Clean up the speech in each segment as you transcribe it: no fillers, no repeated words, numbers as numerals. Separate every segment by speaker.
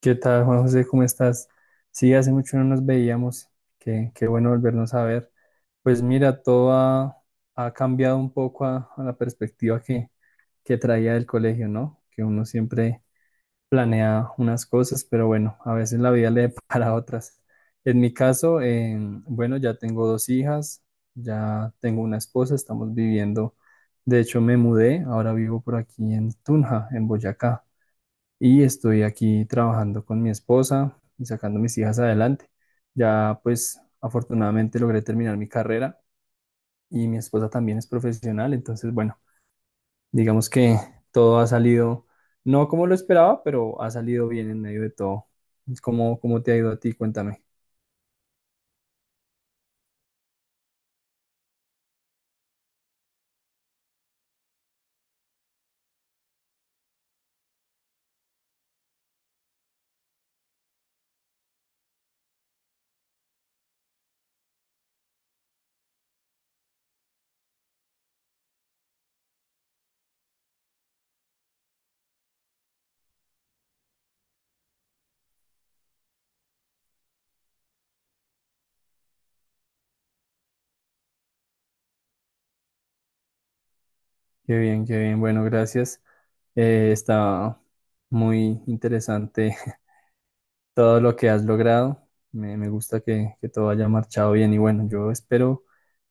Speaker 1: ¿Qué tal, Juan José? ¿Cómo estás? Sí, hace mucho no nos veíamos. Qué bueno volvernos a ver. Pues mira, ha cambiado un poco a la perspectiva que traía del colegio, ¿no? Que uno siempre planea unas cosas, pero bueno, a veces la vida le depara otras. En mi caso, bueno, ya tengo dos hijas, ya tengo una esposa, estamos viviendo. De hecho, me mudé, ahora vivo por aquí en Tunja, en Boyacá, y estoy aquí trabajando con mi esposa y sacando mis hijas adelante. Ya pues afortunadamente logré terminar mi carrera y mi esposa también es profesional, entonces bueno, digamos que todo ha salido, no como lo esperaba, pero ha salido bien en medio de todo. ¿Cómo te ha ido a ti? Cuéntame. Qué bien, qué bien. Bueno, gracias. Está muy interesante todo lo que has logrado. Me gusta que todo haya marchado bien y bueno, yo espero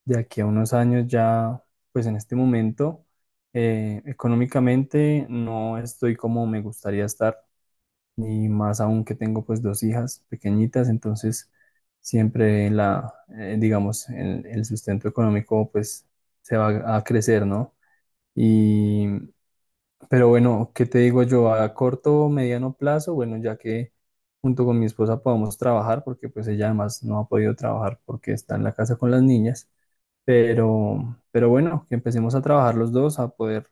Speaker 1: de aquí a unos años ya, pues en este momento, económicamente no estoy como me gustaría estar, y más aún que tengo pues dos hijas pequeñitas, entonces digamos, el sustento económico pues se va a crecer, ¿no? Y pero bueno, ¿qué te digo yo? A corto o mediano plazo, bueno, ya que junto con mi esposa podamos trabajar, porque pues ella además no ha podido trabajar porque está en la casa con las niñas, pero bueno, que empecemos a trabajar los dos, a poder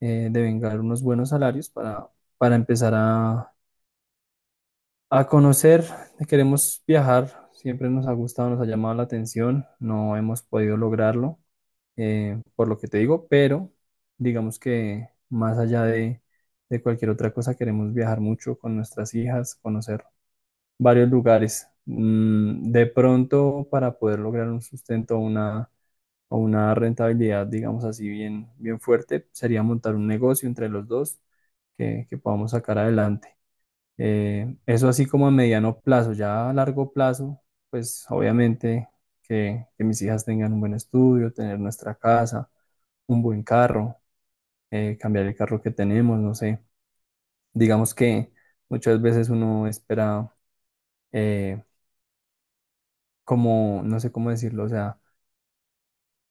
Speaker 1: devengar unos buenos salarios para empezar a conocer. Queremos viajar, siempre nos ha gustado, nos ha llamado la atención, no hemos podido lograrlo, por lo que te digo, pero digamos que más allá de cualquier otra cosa, queremos viajar mucho con nuestras hijas, conocer varios lugares. Mm, de pronto, para poder lograr un sustento o una rentabilidad, digamos así, bien fuerte, sería montar un negocio entre los dos que podamos sacar adelante. Eso así como a mediano plazo, ya a largo plazo, pues obviamente que mis hijas tengan un buen estudio, tener nuestra casa, un buen carro, cambiar el carro que tenemos, no sé. Digamos que muchas veces uno espera eh, como, no sé cómo decirlo, o sea,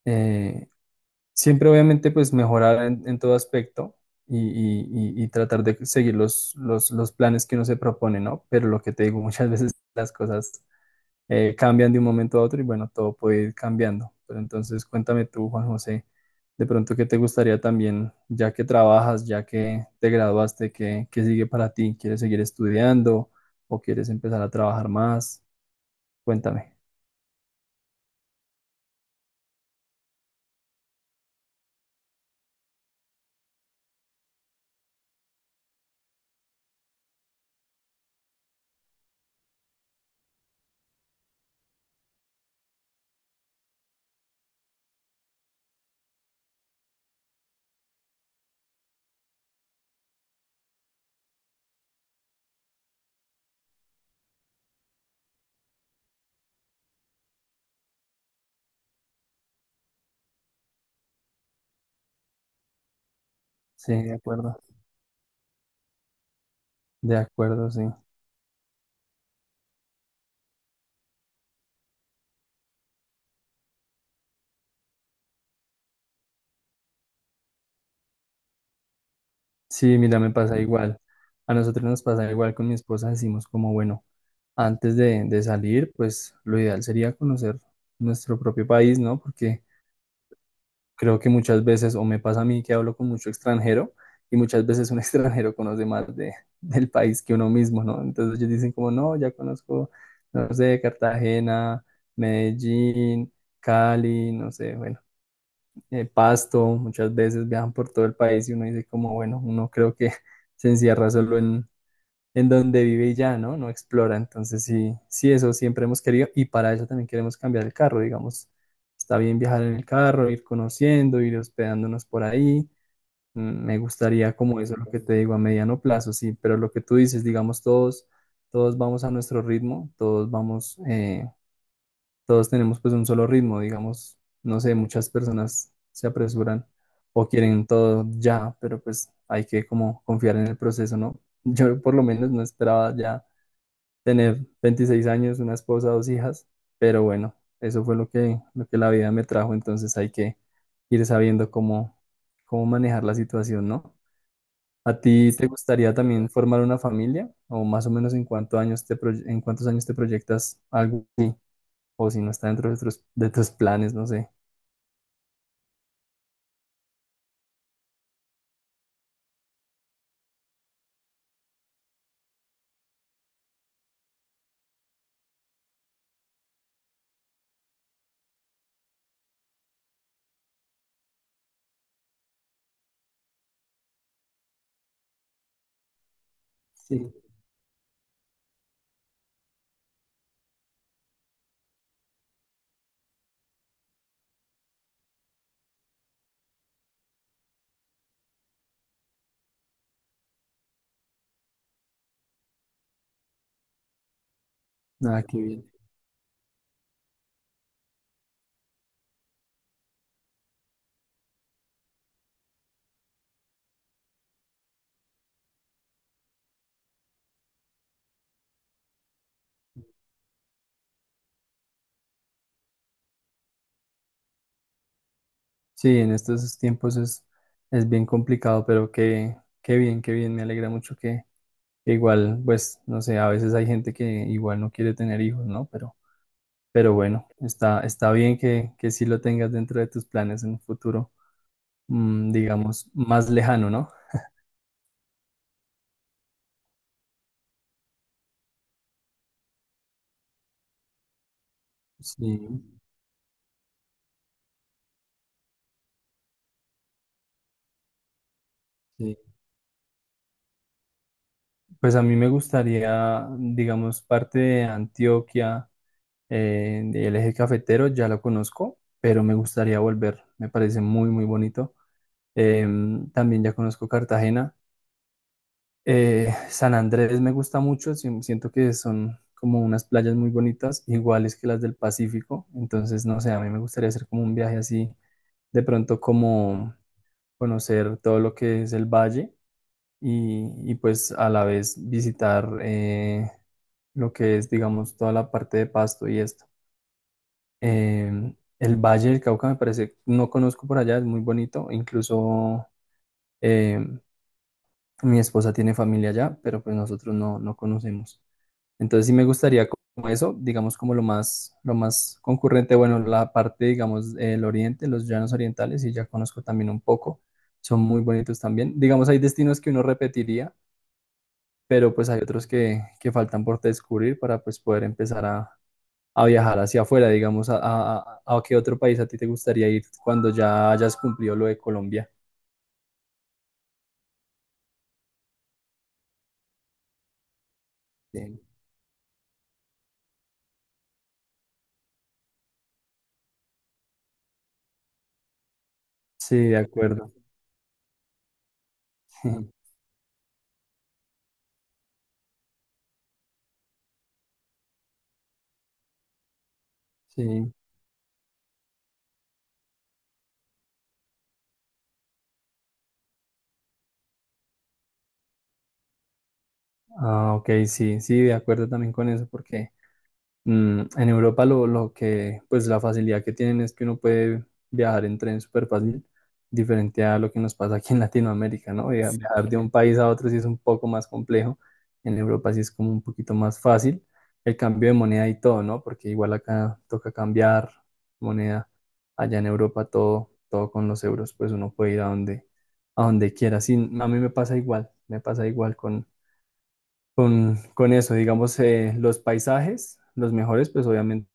Speaker 1: eh, siempre obviamente pues mejorar en todo aspecto. Y tratar de seguir los, los planes que uno se propone, ¿no? Pero lo que te digo, muchas veces las cosas cambian de un momento a otro y bueno, todo puede ir cambiando. Pero entonces cuéntame tú, Juan José, de pronto qué te gustaría también, ya que trabajas, ya que te graduaste, ¿qué, qué sigue para ti? ¿Quieres seguir estudiando o quieres empezar a trabajar más? Cuéntame. Sí, de acuerdo. De acuerdo, sí. Sí, mira, me pasa igual. A nosotros nos pasa igual con mi esposa, decimos como, bueno, antes de salir, pues lo ideal sería conocer nuestro propio país, ¿no? Porque creo que muchas veces, o me pasa a mí que hablo con mucho extranjero, y muchas veces un extranjero conoce más del país que uno mismo, ¿no? Entonces ellos dicen como, no, ya conozco, no sé, Cartagena, Medellín, Cali, no sé, bueno, Pasto, muchas veces viajan por todo el país y uno dice como, bueno, uno creo que se encierra solo en donde vive y ya, ¿no? No explora. Entonces, sí, sí, eso siempre hemos querido y para eso también queremos cambiar el carro, digamos. Está bien viajar en el carro, ir conociendo, ir hospedándonos por ahí. Me gustaría como eso, lo que te digo, a mediano plazo, sí, pero lo que tú dices, digamos, todos, todos vamos a nuestro ritmo, todos vamos, todos tenemos pues un solo ritmo, digamos, no sé, muchas personas se apresuran o quieren todo ya, pero pues hay que como confiar en el proceso, ¿no? Yo por lo menos no esperaba ya tener 26 años, una esposa, dos hijas, pero bueno, eso fue lo que la vida me trajo, entonces hay que ir sabiendo cómo, cómo manejar la situación, ¿no? ¿A ti te gustaría también formar una familia? ¿O más o menos en cuántos años en cuántos años te proyectas algo así? O si no está dentro de tus planes, no sé. Sí. Ah, qué bien. Sí, en estos tiempos es bien complicado, pero qué, qué bien, qué bien. Me alegra mucho que. Igual, pues, no sé, a veces hay gente que igual no quiere tener hijos, ¿no? Pero bueno, está, está bien que sí lo tengas dentro de tus planes en un futuro, mm, digamos, más lejano, ¿no? Sí, sí. Pues a mí me gustaría, digamos, parte de Antioquia, del eje cafetero, ya lo conozco, pero me gustaría volver, me parece muy, muy bonito. Em, también ya conozco Cartagena. San Andrés me gusta mucho, siento que son como unas playas muy bonitas, iguales que las del Pacífico, entonces no sé, a mí me gustaría hacer como un viaje así, de pronto como conocer todo lo que es el valle y pues a la vez visitar lo que es, digamos, toda la parte de Pasto y esto. Em, el Valle del Cauca me parece, no conozco por allá, es muy bonito, incluso em, mi esposa tiene familia allá, pero pues nosotros no, no conocemos. Entonces sí me gustaría como eso, digamos como lo más concurrente, bueno, la parte, digamos, el oriente, los llanos orientales, y ya conozco también un poco, son muy bonitos también. Digamos, hay destinos que uno repetiría, pero pues hay otros que faltan por descubrir para pues poder empezar a viajar hacia afuera, digamos, a qué otro país a ti te gustaría ir cuando ya hayas cumplido lo de Colombia. Sí. Sí, de acuerdo. Sí. Ah, ok, sí, sí, de acuerdo también con eso, porque... Mm, en Europa lo que, pues la facilidad que tienen es que uno puede viajar en tren súper fácil, diferente a lo que nos pasa aquí en Latinoamérica, ¿no? Sí. Viajar de un país a otro sí es un poco más complejo, en Europa sí es como un poquito más fácil el cambio de moneda y todo, ¿no? Porque igual acá toca cambiar moneda, allá en Europa todo, todo con los euros, pues uno puede ir a donde quiera. Sí, a mí me pasa igual con eso, digamos, los paisajes, los mejores, pues obviamente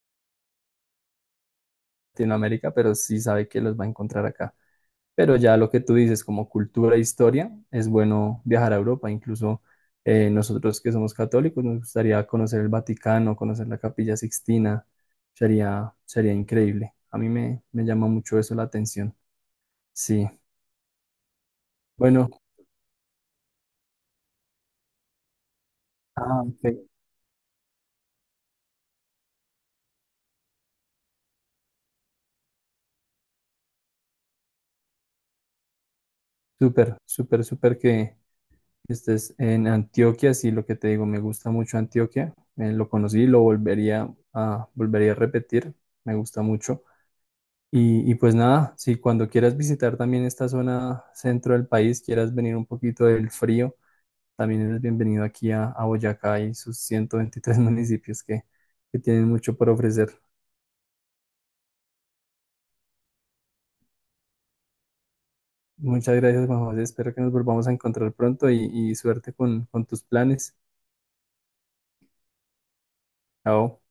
Speaker 1: en América, pero sí sabe que los va a encontrar acá. Pero ya lo que tú dices, como cultura e historia, es bueno viajar a Europa. Incluso nosotros que somos católicos, nos gustaría conocer el Vaticano, conocer la Capilla Sixtina. Sería increíble. A mí me llama mucho eso la atención. Sí. Bueno, ah, ok. Súper, súper, súper que estés en Antioquia, sí, lo que te digo, me gusta mucho Antioquia, lo conocí, lo volvería a, volvería a repetir, me gusta mucho. Y pues nada, si cuando quieras visitar también esta zona centro del país, quieras venir un poquito del frío, también eres bienvenido aquí a Boyacá y sus 123 municipios que tienen mucho por ofrecer. Muchas gracias, Juan José, espero que nos volvamos a encontrar pronto y suerte con tus planes. Chao.